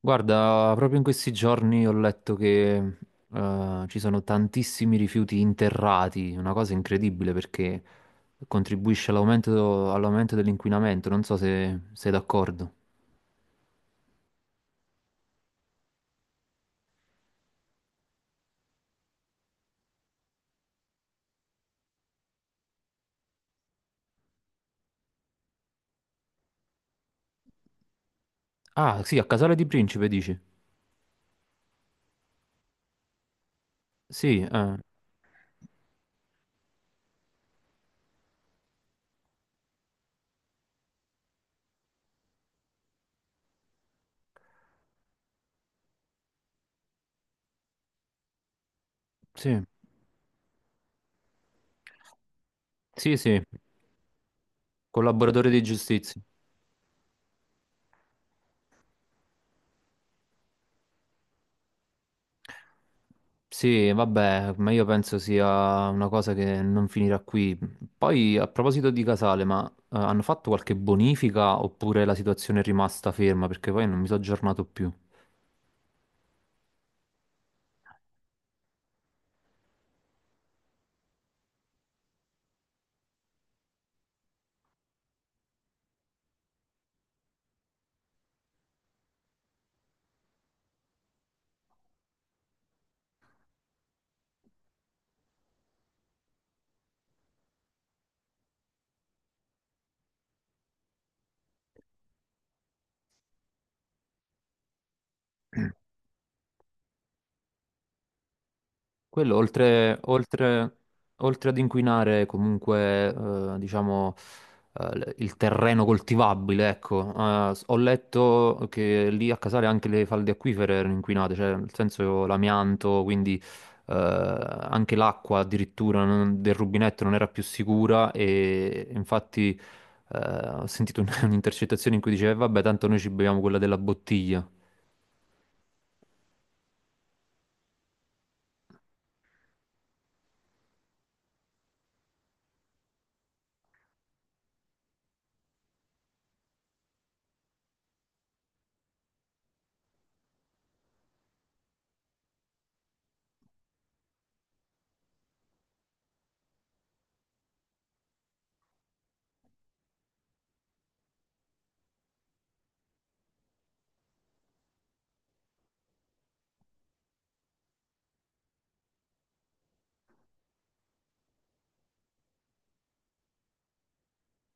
Guarda, proprio in questi giorni ho letto che ci sono tantissimi rifiuti interrati, una cosa incredibile perché contribuisce all'aumento dell'inquinamento, non so se sei d'accordo. Ah, sì, a Casale di Principe dici? Sì, sì, sì, sì, collaboratore di giustizia. Sì, vabbè, ma io penso sia una cosa che non finirà qui. Poi, a proposito di Casale, ma hanno fatto qualche bonifica oppure la situazione è rimasta ferma? Perché poi non mi sono aggiornato più. Quello oltre, oltre- Oltre ad inquinare comunque, diciamo, il terreno coltivabile, ecco, ho letto che lì a Casale anche le falde acquifere erano inquinate, cioè nel senso l'amianto, quindi anche l'acqua addirittura del rubinetto non era più sicura e infatti eh, ho sentito un'intercettazione in cui diceva, vabbè, tanto noi ci beviamo quella della bottiglia,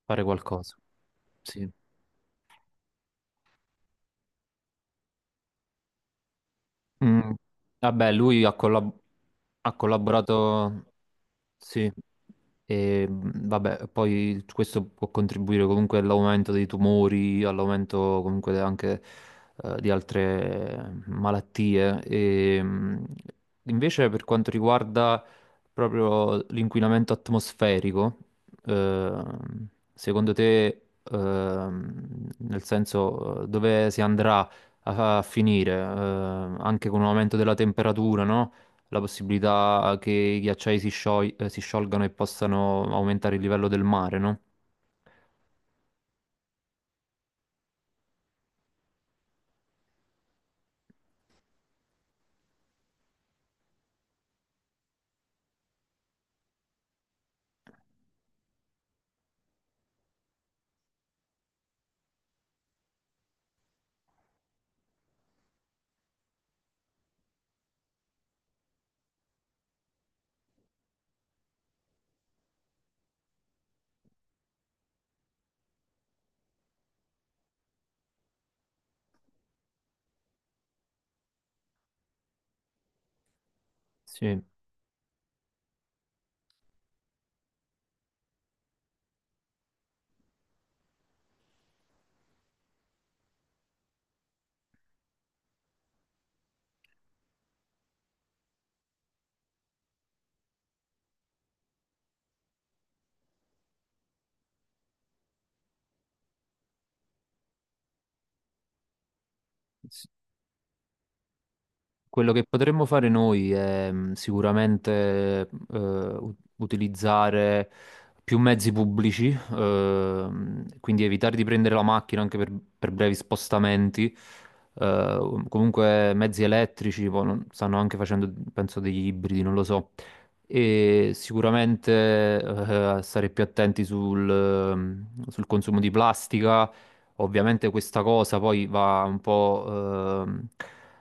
fare qualcosa." Sì. Mm. Vabbè, lui ha collaborato. Ha collaborato, sì, e vabbè, poi questo può contribuire comunque all'aumento dei tumori, all'aumento comunque anche di altre malattie. E, invece per quanto riguarda proprio l'inquinamento atmosferico, ehm, secondo te, nel senso dove si andrà a finire, anche con un aumento della temperatura, no? La possibilità che i ghiacciai si sciolgano e possano aumentare il livello del mare, no? Sì. Quello che potremmo fare noi è sicuramente utilizzare più mezzi pubblici, quindi evitare di prendere la macchina anche per brevi spostamenti. Comunque mezzi elettrici, poi non- stanno anche facendo, penso, degli ibridi, non lo so. E sicuramente stare più attenti sul, sul consumo di plastica. Ovviamente questa cosa poi va un po', ehm,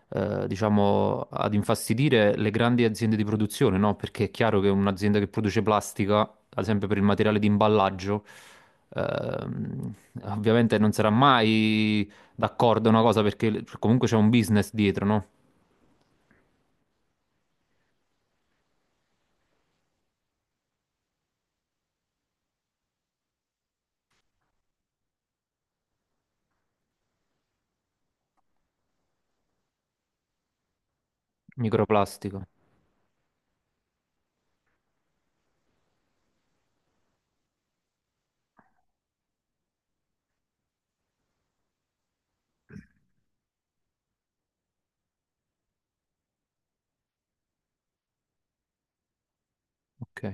diciamo, ad infastidire le grandi aziende di produzione, no? Perché è chiaro che un'azienda che produce plastica, ad esempio per il materiale di imballaggio, ehm, ovviamente non sarà mai d'accordo una cosa perché comunque c'è un business dietro, no? Microplastica. Ok.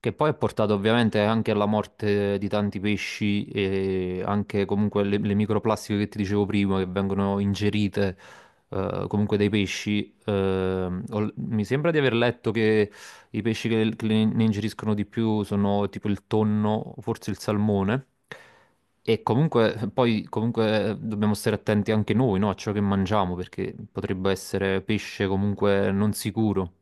Che poi ha portato ovviamente anche alla morte di tanti pesci e anche comunque le microplastiche che ti dicevo prima che vengono ingerite comunque dai pesci. Mi sembra di aver letto che i pesci che ne ingeriscono di più sono tipo il tonno, forse il salmone. E comunque poi comunque dobbiamo stare attenti anche noi, no, a ciò che mangiamo perché potrebbe essere pesce comunque non sicuro.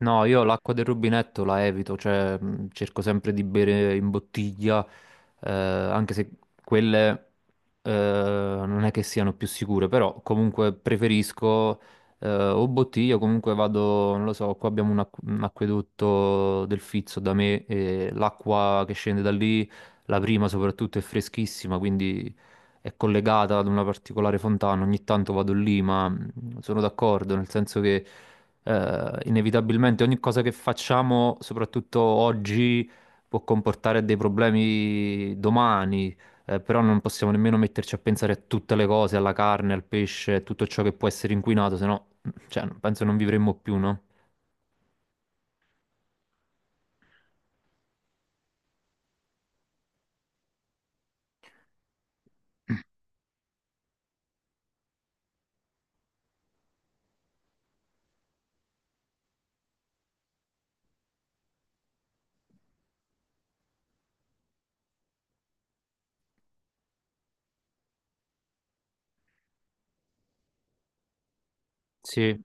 No, io l'acqua del rubinetto la evito, cioè cerco sempre di bere in bottiglia, anche se quelle eh, non è che siano più sicure, però comunque preferisco o bottiglia, o comunque vado, non lo so, qua abbiamo un acquedotto del Fizzo da me e l'acqua che scende da lì, la prima soprattutto è freschissima, quindi è collegata ad una particolare fontana, ogni tanto vado lì, ma sono d'accordo, nel senso che inevitabilmente ogni cosa che facciamo, soprattutto oggi, può comportare dei problemi domani, però non possiamo nemmeno metterci a pensare a tutte le cose, alla carne, al pesce, a tutto ciò che può essere inquinato, se no, cioè, penso non vivremmo più, no? Sì.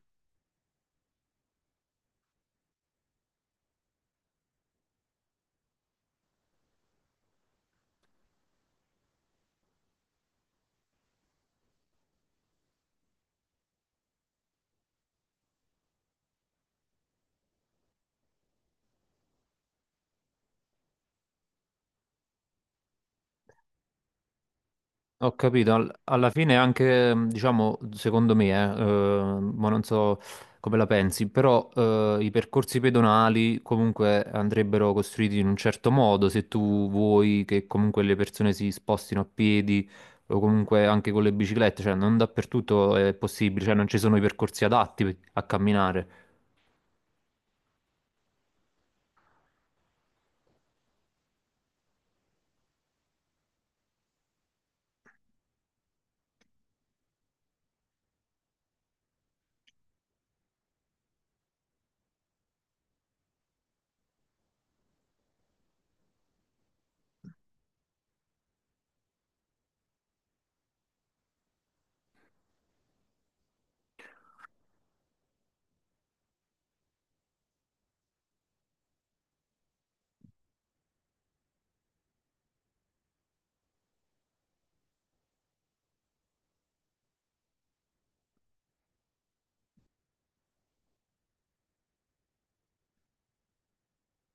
Ho capito, alla fine anche, diciamo, secondo me, ma non so come la pensi, però i percorsi pedonali comunque andrebbero costruiti in un certo modo, se tu vuoi che comunque le persone si spostino a piedi o comunque anche con le biciclette, cioè non dappertutto è possibile, cioè non ci sono i percorsi adatti a camminare.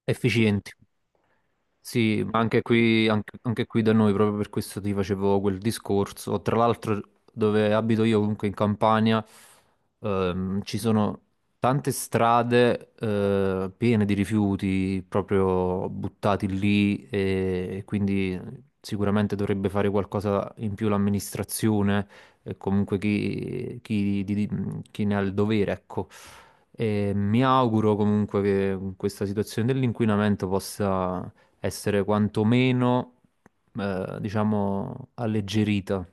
Efficienti. Sì, ma anche qui, anche qui da noi, proprio per questo ti facevo quel discorso. Tra l'altro, dove abito io, comunque in Campania, ci sono tante strade, piene di rifiuti proprio buttati lì e quindi sicuramente dovrebbe fare qualcosa in più l'amministrazione e comunque chi ne ha il dovere, ecco. E mi auguro comunque che questa situazione dell'inquinamento possa essere quantomeno, diciamo, alleggerita.